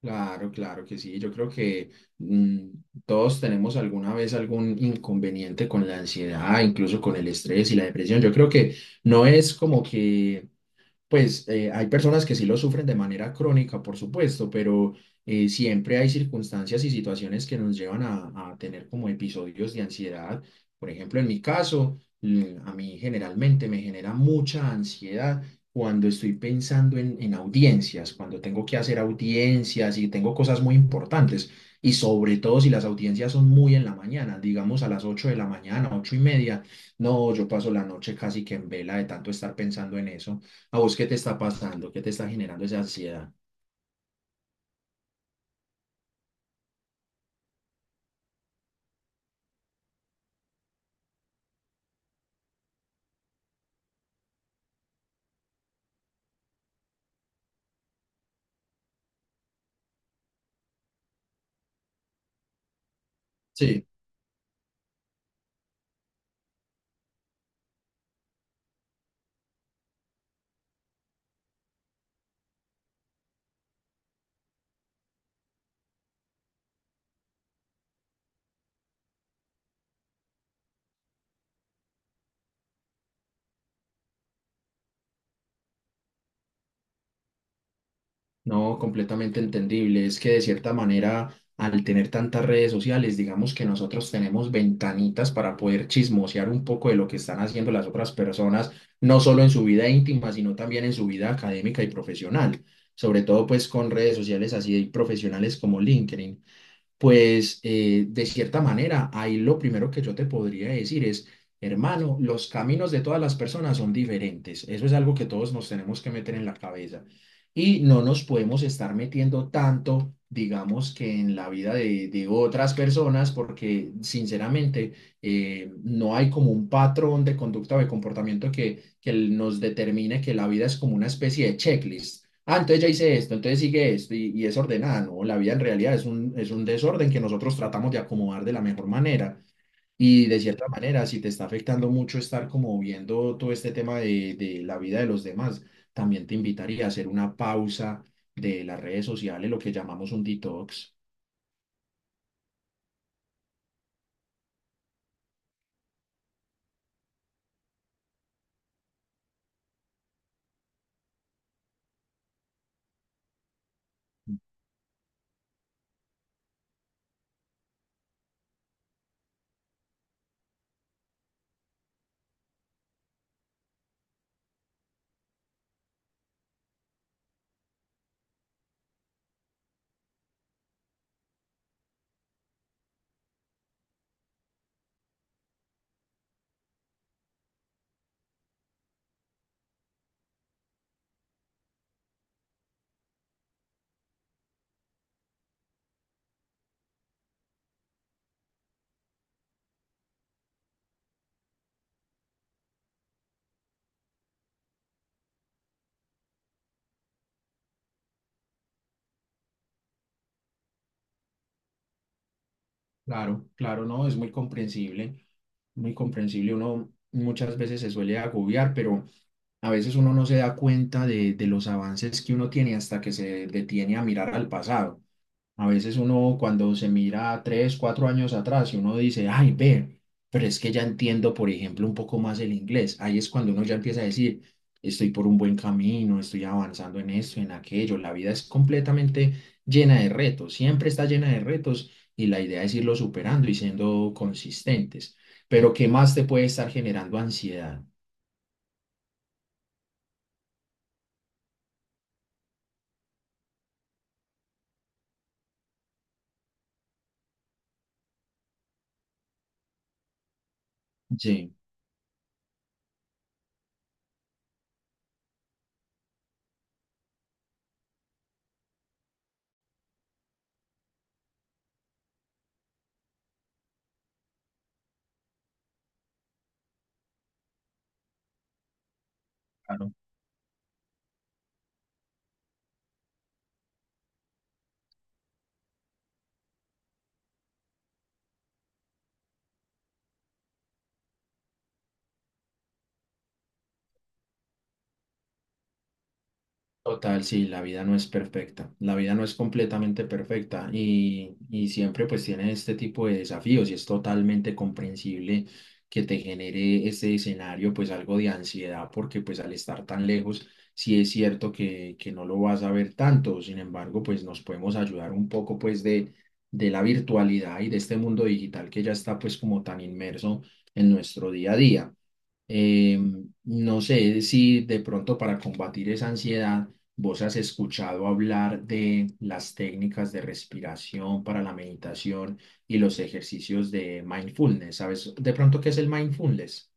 Claro, claro que sí. Yo creo que mm, todos tenemos alguna vez algún inconveniente con la ansiedad, incluso con el estrés y la depresión. Yo creo que no es como que pues hay personas que sí lo sufren de manera crónica, por supuesto, pero siempre hay circunstancias y situaciones que nos llevan a tener como episodios de ansiedad. Por ejemplo, en mi caso, a mí generalmente me genera mucha ansiedad cuando estoy pensando en audiencias, cuando tengo que hacer audiencias y tengo cosas muy importantes. Y sobre todo si las audiencias son muy en la mañana, digamos a las 8 de la mañana, 8:30, no, yo paso la noche casi que en vela de tanto estar pensando en eso. ¿A vos qué te está pasando? ¿Qué te está generando esa ansiedad? Sí, no, completamente entendible. Es que de cierta manera, al tener tantas redes sociales, digamos que nosotros tenemos ventanitas para poder chismosear un poco de lo que están haciendo las otras personas, no solo en su vida íntima, sino también en su vida académica y profesional. Sobre todo, pues, con redes sociales así profesionales como LinkedIn. Pues de cierta manera, ahí lo primero que yo te podría decir es, hermano, los caminos de todas las personas son diferentes. Eso es algo que todos nos tenemos que meter en la cabeza. Y no nos podemos estar metiendo tanto, digamos, que en la vida de otras personas, porque sinceramente no hay como un patrón de conducta o de comportamiento que nos determine que la vida es como una especie de checklist. Ah, entonces ya hice esto, entonces sigue esto y es ordenada, ¿no? La vida en realidad es un desorden que nosotros tratamos de acomodar de la mejor manera. Y de cierta manera, si te está afectando mucho estar como viendo todo este tema de la vida de los demás, también te invitaría a hacer una pausa de las redes sociales, lo que llamamos un detox. Claro, claro, no, es muy comprensible, muy comprensible. Uno muchas veces se suele agobiar, pero. A veces uno no se da cuenta de los avances que uno tiene hasta que se detiene a mirar al pasado. A veces uno cuando se mira 3, 4 años atrás y uno dice, ay, ve, pero es que ya entiendo, por ejemplo, un poco más el inglés. Ahí es cuando uno ya empieza a decir, estoy por un buen camino, estoy avanzando en esto, en aquello. La vida es completamente llena de retos, siempre está llena de retos y la idea es irlo superando y siendo consistentes. Pero ¿qué más te puede estar generando ansiedad? Sí. Claro. Total, sí, la vida no es perfecta, la vida no es completamente perfecta y siempre pues tiene este tipo de desafíos y es totalmente comprensible que te genere este escenario pues algo de ansiedad porque pues al estar tan lejos sí es cierto que no lo vas a ver tanto, sin embargo pues nos podemos ayudar un poco pues de la virtualidad y de este mundo digital que ya está pues como tan inmerso en nuestro día a día. Eh, no sé si de pronto para combatir esa ansiedad vos has escuchado hablar de las técnicas de respiración para la meditación y los ejercicios de mindfulness. ¿Sabes de pronto qué es el mindfulness?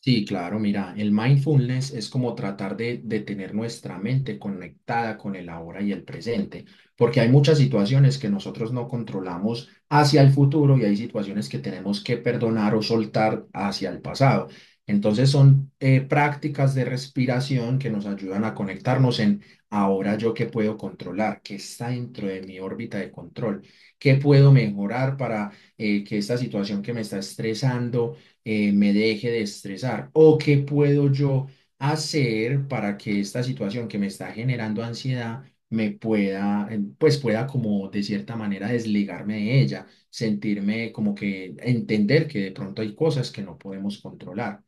Sí, claro, mira, el mindfulness es como tratar de tener nuestra mente conectada con el ahora y el presente, porque hay muchas situaciones que nosotros no controlamos hacia el futuro y hay situaciones que tenemos que perdonar o soltar hacia el pasado. Entonces son prácticas de respiración que nos ayudan a conectarnos en ahora yo qué puedo controlar, qué está dentro de mi órbita de control, ¿qué puedo mejorar para que esta situación que me está estresando me deje de estresar? ¿O qué puedo yo hacer para que esta situación que me está generando ansiedad me pueda, pues pueda como de cierta manera desligarme de ella, sentirme como que entender que de pronto hay cosas que no podemos controlar?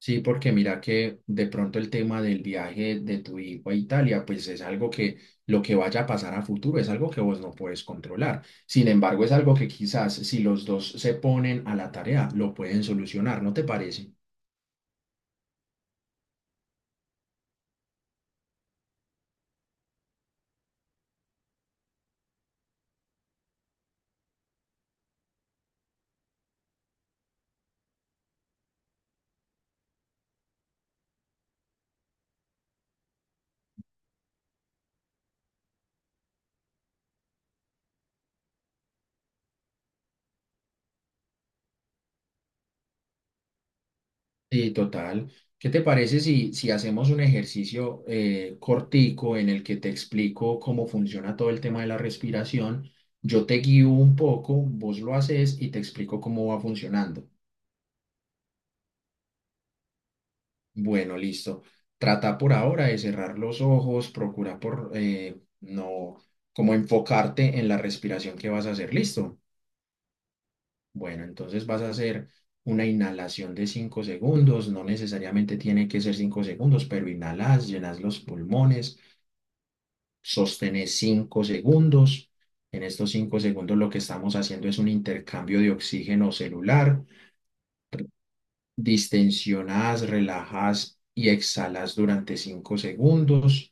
Sí, porque mira que de pronto el tema del viaje de tu hijo a Italia, pues es algo que lo que vaya a pasar a futuro es algo que vos no puedes controlar. Sin embargo, es algo que quizás si los dos se ponen a la tarea, lo pueden solucionar, ¿no te parece? Sí, total. ¿Qué te parece si, hacemos un ejercicio cortico en el que te explico cómo funciona todo el tema de la respiración? Yo te guío un poco, vos lo haces y te explico cómo va funcionando. Bueno, listo. Trata por ahora de cerrar los ojos, procura por no, como enfocarte en la respiración que vas a hacer. Listo. Bueno, entonces vas a hacer una inhalación de 5 segundos. No necesariamente tiene que ser 5 segundos, pero inhalas, llenas los pulmones, sostenes 5 segundos. En estos 5 segundos lo que estamos haciendo es un intercambio de oxígeno celular. Distensionas, relajas y exhalas durante 5 segundos.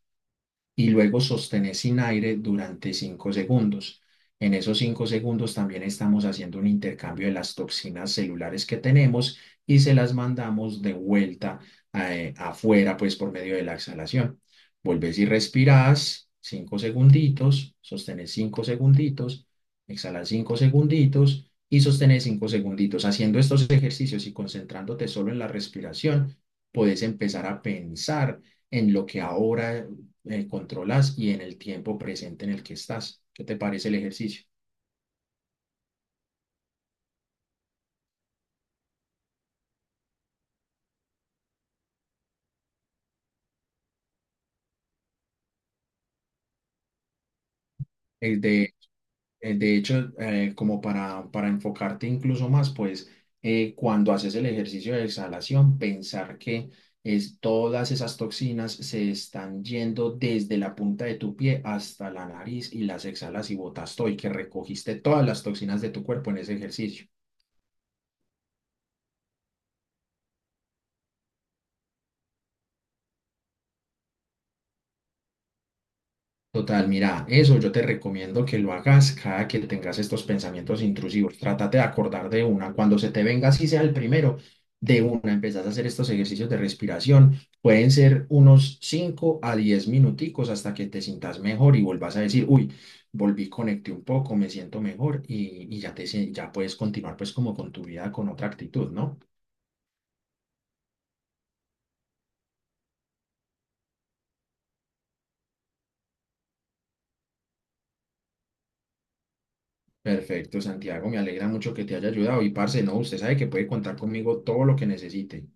Y luego sostener sin aire durante 5 segundos. En esos 5 segundos también estamos haciendo un intercambio de las toxinas celulares que tenemos y se las mandamos de vuelta afuera, pues por medio de la exhalación. Volvés y respirás 5 segunditos, sostenés 5 segunditos, exhalas 5 segunditos y sostener 5 segunditos. Haciendo estos ejercicios y concentrándote solo en la respiración, puedes empezar a pensar en lo que ahora controlas y en el tiempo presente en el que estás. ¿Qué te parece el ejercicio? El de, el de hecho, como para enfocarte incluso más, pues cuando haces el ejercicio de exhalación, pensar que es, todas esas toxinas se están yendo desde la punta de tu pie hasta la nariz y las exhalas y botas todo y que recogiste todas las toxinas de tu cuerpo en ese ejercicio. Total, mira, eso yo te recomiendo que lo hagas cada que tengas estos pensamientos intrusivos. Trátate de acordar de una. Cuando se te venga, así sea el primero, de una empezás a hacer estos ejercicios de respiración. Pueden ser unos 5 a 10 minuticos hasta que te sientas mejor y vuelvas a decir, uy, volví, conecté un poco, me siento mejor y ya puedes continuar pues como con tu vida con otra actitud, ¿no? Perfecto, Santiago, me alegra mucho que te haya ayudado y parce, no, usted sabe que puede contar conmigo todo lo que necesite.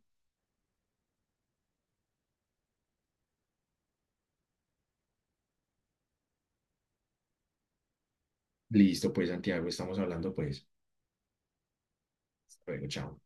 Listo, pues Santiago, estamos hablando, pues. Hasta luego, chao.